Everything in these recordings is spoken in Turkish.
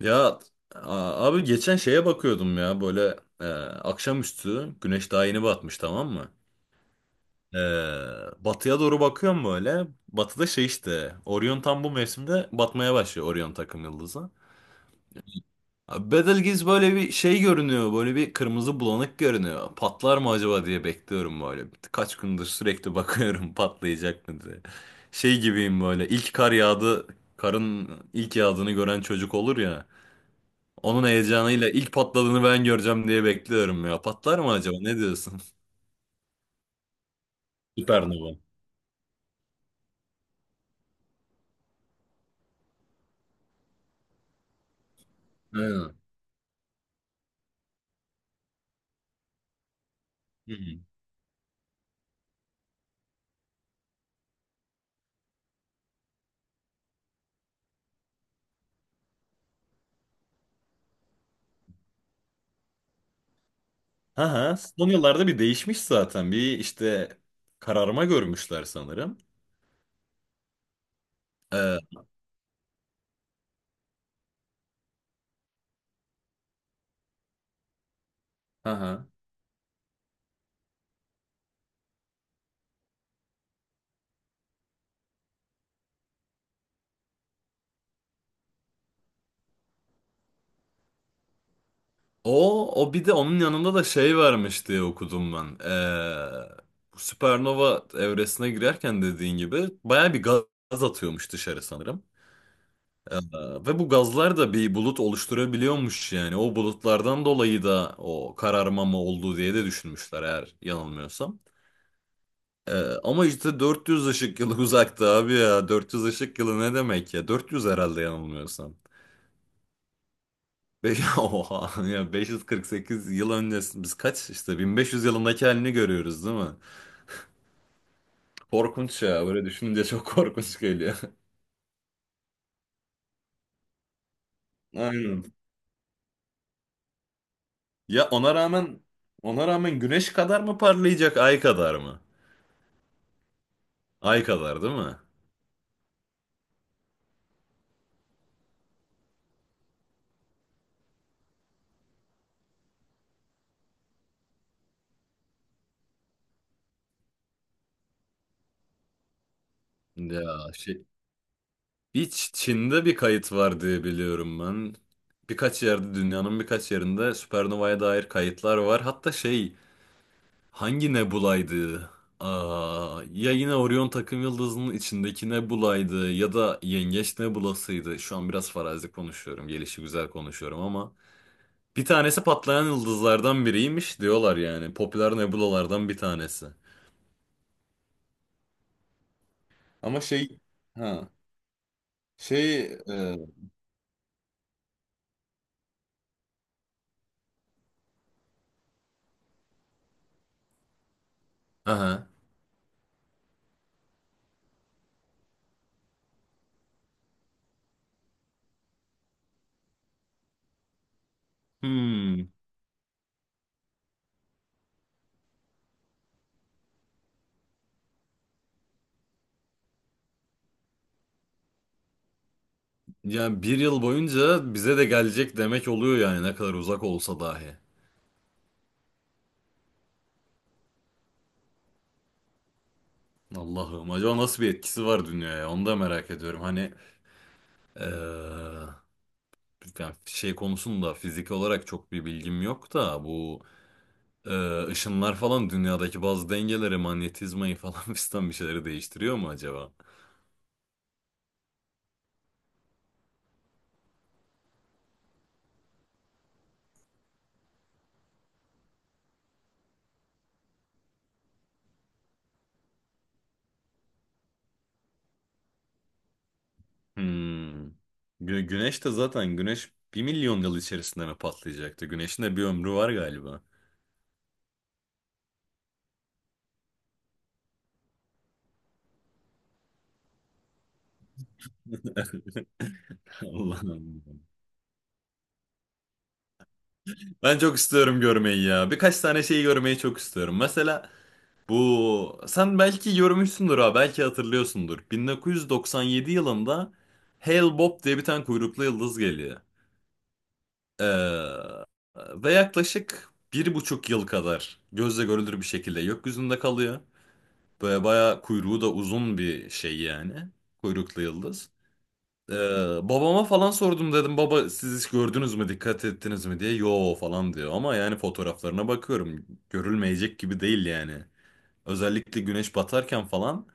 Ya, abi, geçen şeye bakıyordum ya, böyle e, akşamüstü güneş daha yeni batmış, tamam mı? E, Batıya doğru bakıyorum böyle. Batıda şey işte Orion, tam bu mevsimde batmaya başlıyor, Orion takım yıldızı. Abi Betelgeuse böyle bir şey görünüyor, böyle bir kırmızı bulanık görünüyor. Patlar mı acaba diye bekliyorum böyle. Kaç gündür sürekli bakıyorum patlayacak mı diye. Şey gibiyim, böyle ilk kar yağdı, karın ilk yağdığını gören çocuk olur ya. Onun heyecanıyla ilk patladığını ben göreceğim diye bekliyorum ya. Patlar mı acaba? Ne diyorsun? Süpernova. Aynen. Hı hı. Ha ha. Son yıllarda bir değişmiş zaten. Bir işte kararma görmüşler sanırım. Ee, ha ha. O bir de onun yanında da şey varmış diye okudum ben. Bu süpernova evresine girerken, dediğin gibi, baya bir gaz atıyormuş dışarı sanırım. Ee, Ve bu gazlar da bir bulut oluşturabiliyormuş yani. O bulutlardan dolayı da o kararmama olduğu diye de düşünmüşler, eğer yanılmıyorsam. Ee, Ama işte 400 ışık yılı uzakta abi ya. 400 ışık yılı ne demek ya? 400 herhalde, yanılmıyorsam. Be oha ya, 548 yıl öncesi, biz kaç işte 1500 yılındaki halini görüyoruz değil mi? Korkunç ya, böyle düşününce çok korkunç geliyor. Aynen. Ya ona rağmen güneş kadar mı parlayacak, ay kadar mı? Ay kadar değil mi? Ya şey, bir Çin'de bir kayıt var diye biliyorum ben. Birkaç yerde Dünyanın birkaç yerinde süpernovaya dair kayıtlar var. Hatta şey, hangi nebulaydı? Aa, ya yine Orion takım yıldızının içindeki nebulaydı ya da Yengeç nebulasıydı. Şu an biraz farazi konuşuyorum, gelişigüzel konuşuyorum, ama bir tanesi patlayan yıldızlardan biriymiş diyorlar yani. Popüler nebulalardan bir tanesi. Ama şey, ha, şey e, aha. Hmm. Yani 1 yıl boyunca bize de gelecek demek oluyor yani, ne kadar uzak olsa dahi. Allah'ım, acaba nasıl bir etkisi var dünyaya, onu da merak ediyorum. Hani eee, yani şey konusunda fizik olarak çok bir bilgim yok da, bu ışınlar falan dünyadaki bazı dengeleri, manyetizmayı falan fistan bir şeyleri değiştiriyor mu acaba? Hmm. Güneş de zaten, güneş 1 milyon yıl içerisinde mi patlayacaktı? Güneşin de bir ömrü var galiba. Allah'ım. Ben çok istiyorum görmeyi ya. Birkaç tane şeyi görmeyi çok istiyorum. Mesela bu, sen belki görmüşsündür ha, belki hatırlıyorsundur. 1997 yılında Hale Bob diye bir tane kuyruklu yıldız geliyor. Ee, Ve yaklaşık 1,5 yıl kadar gözle görülür bir şekilde gökyüzünde kalıyor. Böyle bayağı, kuyruğu da uzun bir şey yani. Kuyruklu yıldız. Ee, Babama falan sordum, dedim baba siz hiç gördünüz mü, dikkat ettiniz mi diye, yo falan diyor, ama yani fotoğraflarına bakıyorum görülmeyecek gibi değil yani. Özellikle güneş batarken falan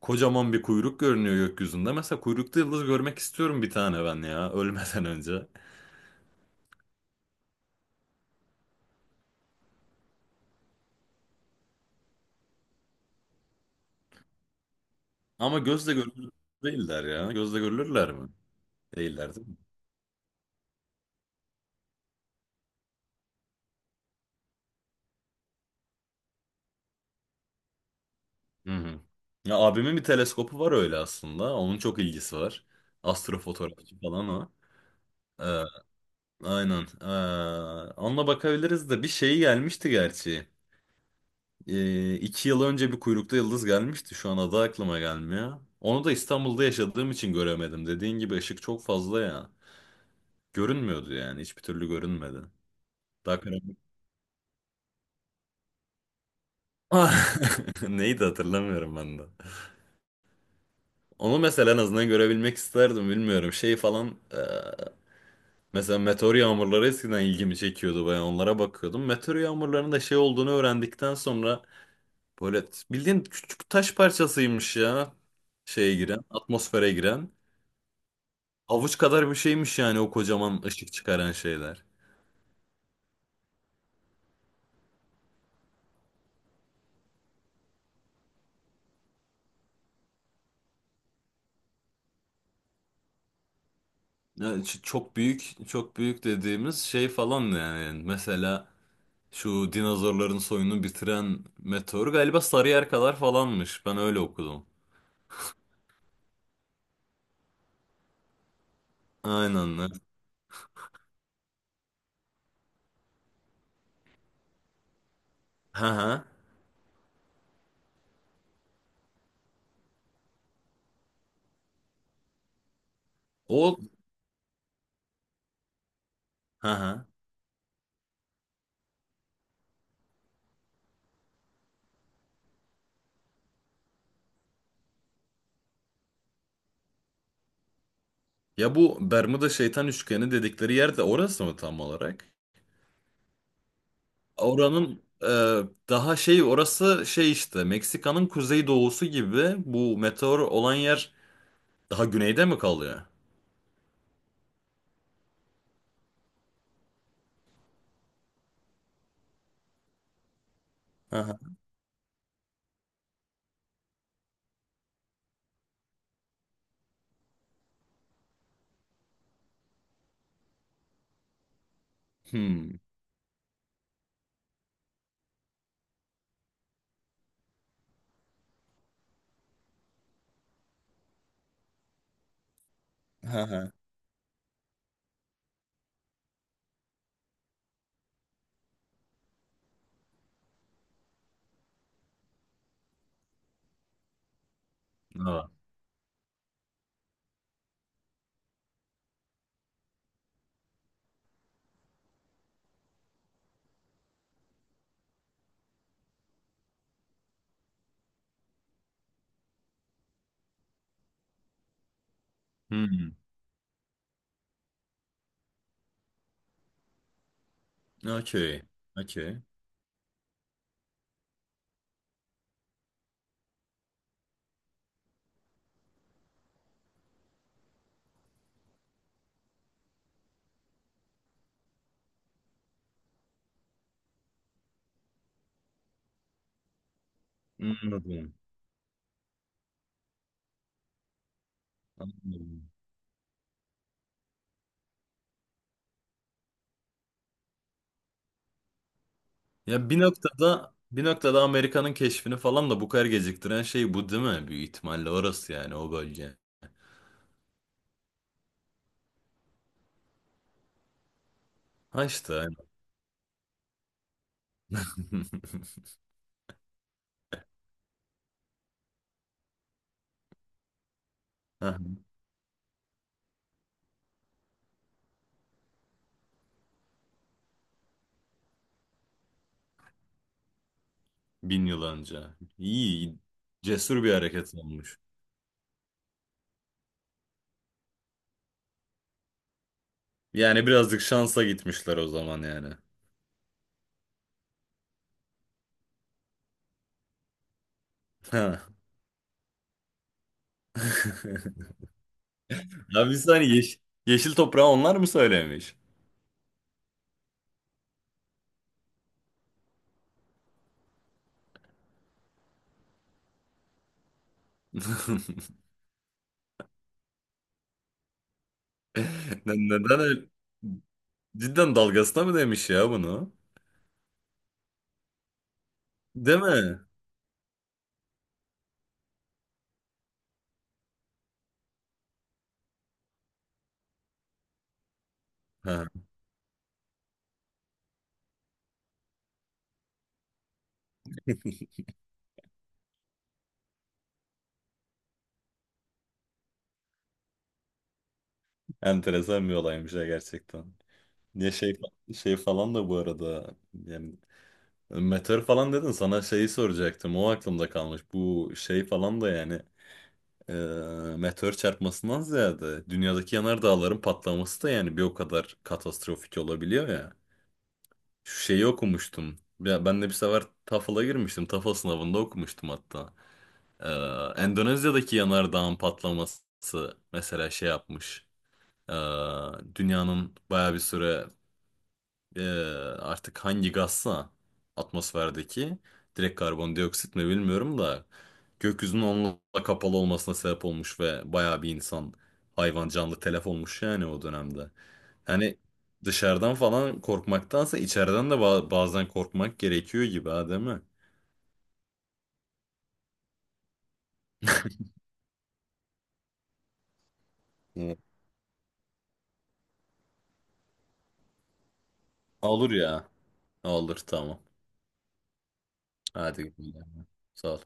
kocaman bir kuyruk görünüyor gökyüzünde. Mesela kuyruklu yıldız görmek istiyorum bir tane ben ya, ölmeden önce. Ama gözle görülür değiller ya. Gözle görülürler mi? Değiller, değil mi? Hı hı. Ya, abimin bir teleskopu var öyle aslında. Onun çok ilgisi var. Astrofotoğrafçı falan o. Aynen. Onunla bakabiliriz de, bir şey gelmişti gerçi. 2 yıl önce bir kuyruklu yıldız gelmişti. Şu an adı aklıma gelmiyor. Onu da İstanbul'da yaşadığım için göremedim. Dediğin gibi ışık çok fazla ya. Görünmüyordu yani. Hiçbir türlü görünmedi. Daha karanlık. Ah! Neydi, hatırlamıyorum ben de. Onu mesela en azından görebilmek isterdim. Bilmiyorum. Şey falan. Mesela meteor yağmurları eskiden ilgimi çekiyordu. Ben onlara bakıyordum. Meteor yağmurlarının da şey olduğunu öğrendikten sonra, böyle bildiğin küçük taş parçasıymış ya. Şeye giren, atmosfere giren. Avuç kadar bir şeymiş yani, o kocaman ışık çıkaran şeyler. Yani çok büyük, çok büyük dediğimiz şey falan yani. Mesela şu dinozorların soyunu bitiren meteor galiba Sarıyer kadar falanmış. Ben öyle okudum. Aynen. Evet. Ha ha. O, ha ha. Ya bu Bermuda Şeytan Üçgeni dedikleri yer de orası mı tam olarak? Oranın daha şey, orası şey işte, Meksika'nın kuzeydoğusu gibi, bu meteor olan yer daha güneyde mi kalıyor? Aha. Hmm. Aha. Ha. Hmm. Okey. Okey. Anladım. Anladım. Ya, bir noktada Amerika'nın keşfini falan da bu kadar geciktiren şey bu değil mi? Büyük ihtimalle orası yani, o bölge. Ha işte, aynen. Heh, 1000 yıl önce. İyi, cesur bir hareket olmuş. Yani birazcık şansa gitmişler o zaman yani. Ha. Ya bir saniye, yeşil toprağı onlar mı söylemiş? Neden öyle? Cidden dalgasına mı demiş ya bunu? Değil mi? Ha. Enteresan bir olaymış ya, gerçekten. Ya şey, şey falan da bu arada yani, meteor falan dedin, sana şeyi soracaktım, o aklımda kalmış. Bu şey falan da yani, e, meteor çarpmasından ziyade dünyadaki yanardağların patlaması da yani bir o kadar katastrofik olabiliyor ya. Şu şeyi okumuştum. Ya ben de bir sefer TOEFL'a girmiştim. TOEFL sınavında okumuştum hatta. E, Endonezya'daki yanardağın patlaması mesela şey yapmış. E, Dünyanın baya bir süre, ee, artık hangi gazsa atmosferdeki, direkt karbondioksit mi bilmiyorum da, gökyüzünün onunla kapalı olmasına sebep olmuş ve bayağı bir insan, hayvan, canlı telef olmuş yani o dönemde. Hani dışarıdan falan korkmaktansa, içeriden de bazen korkmak gerekiyor gibi, ha, değil mi? Evet. Olur ya. Olur, tamam. Hadi. Sağ ol.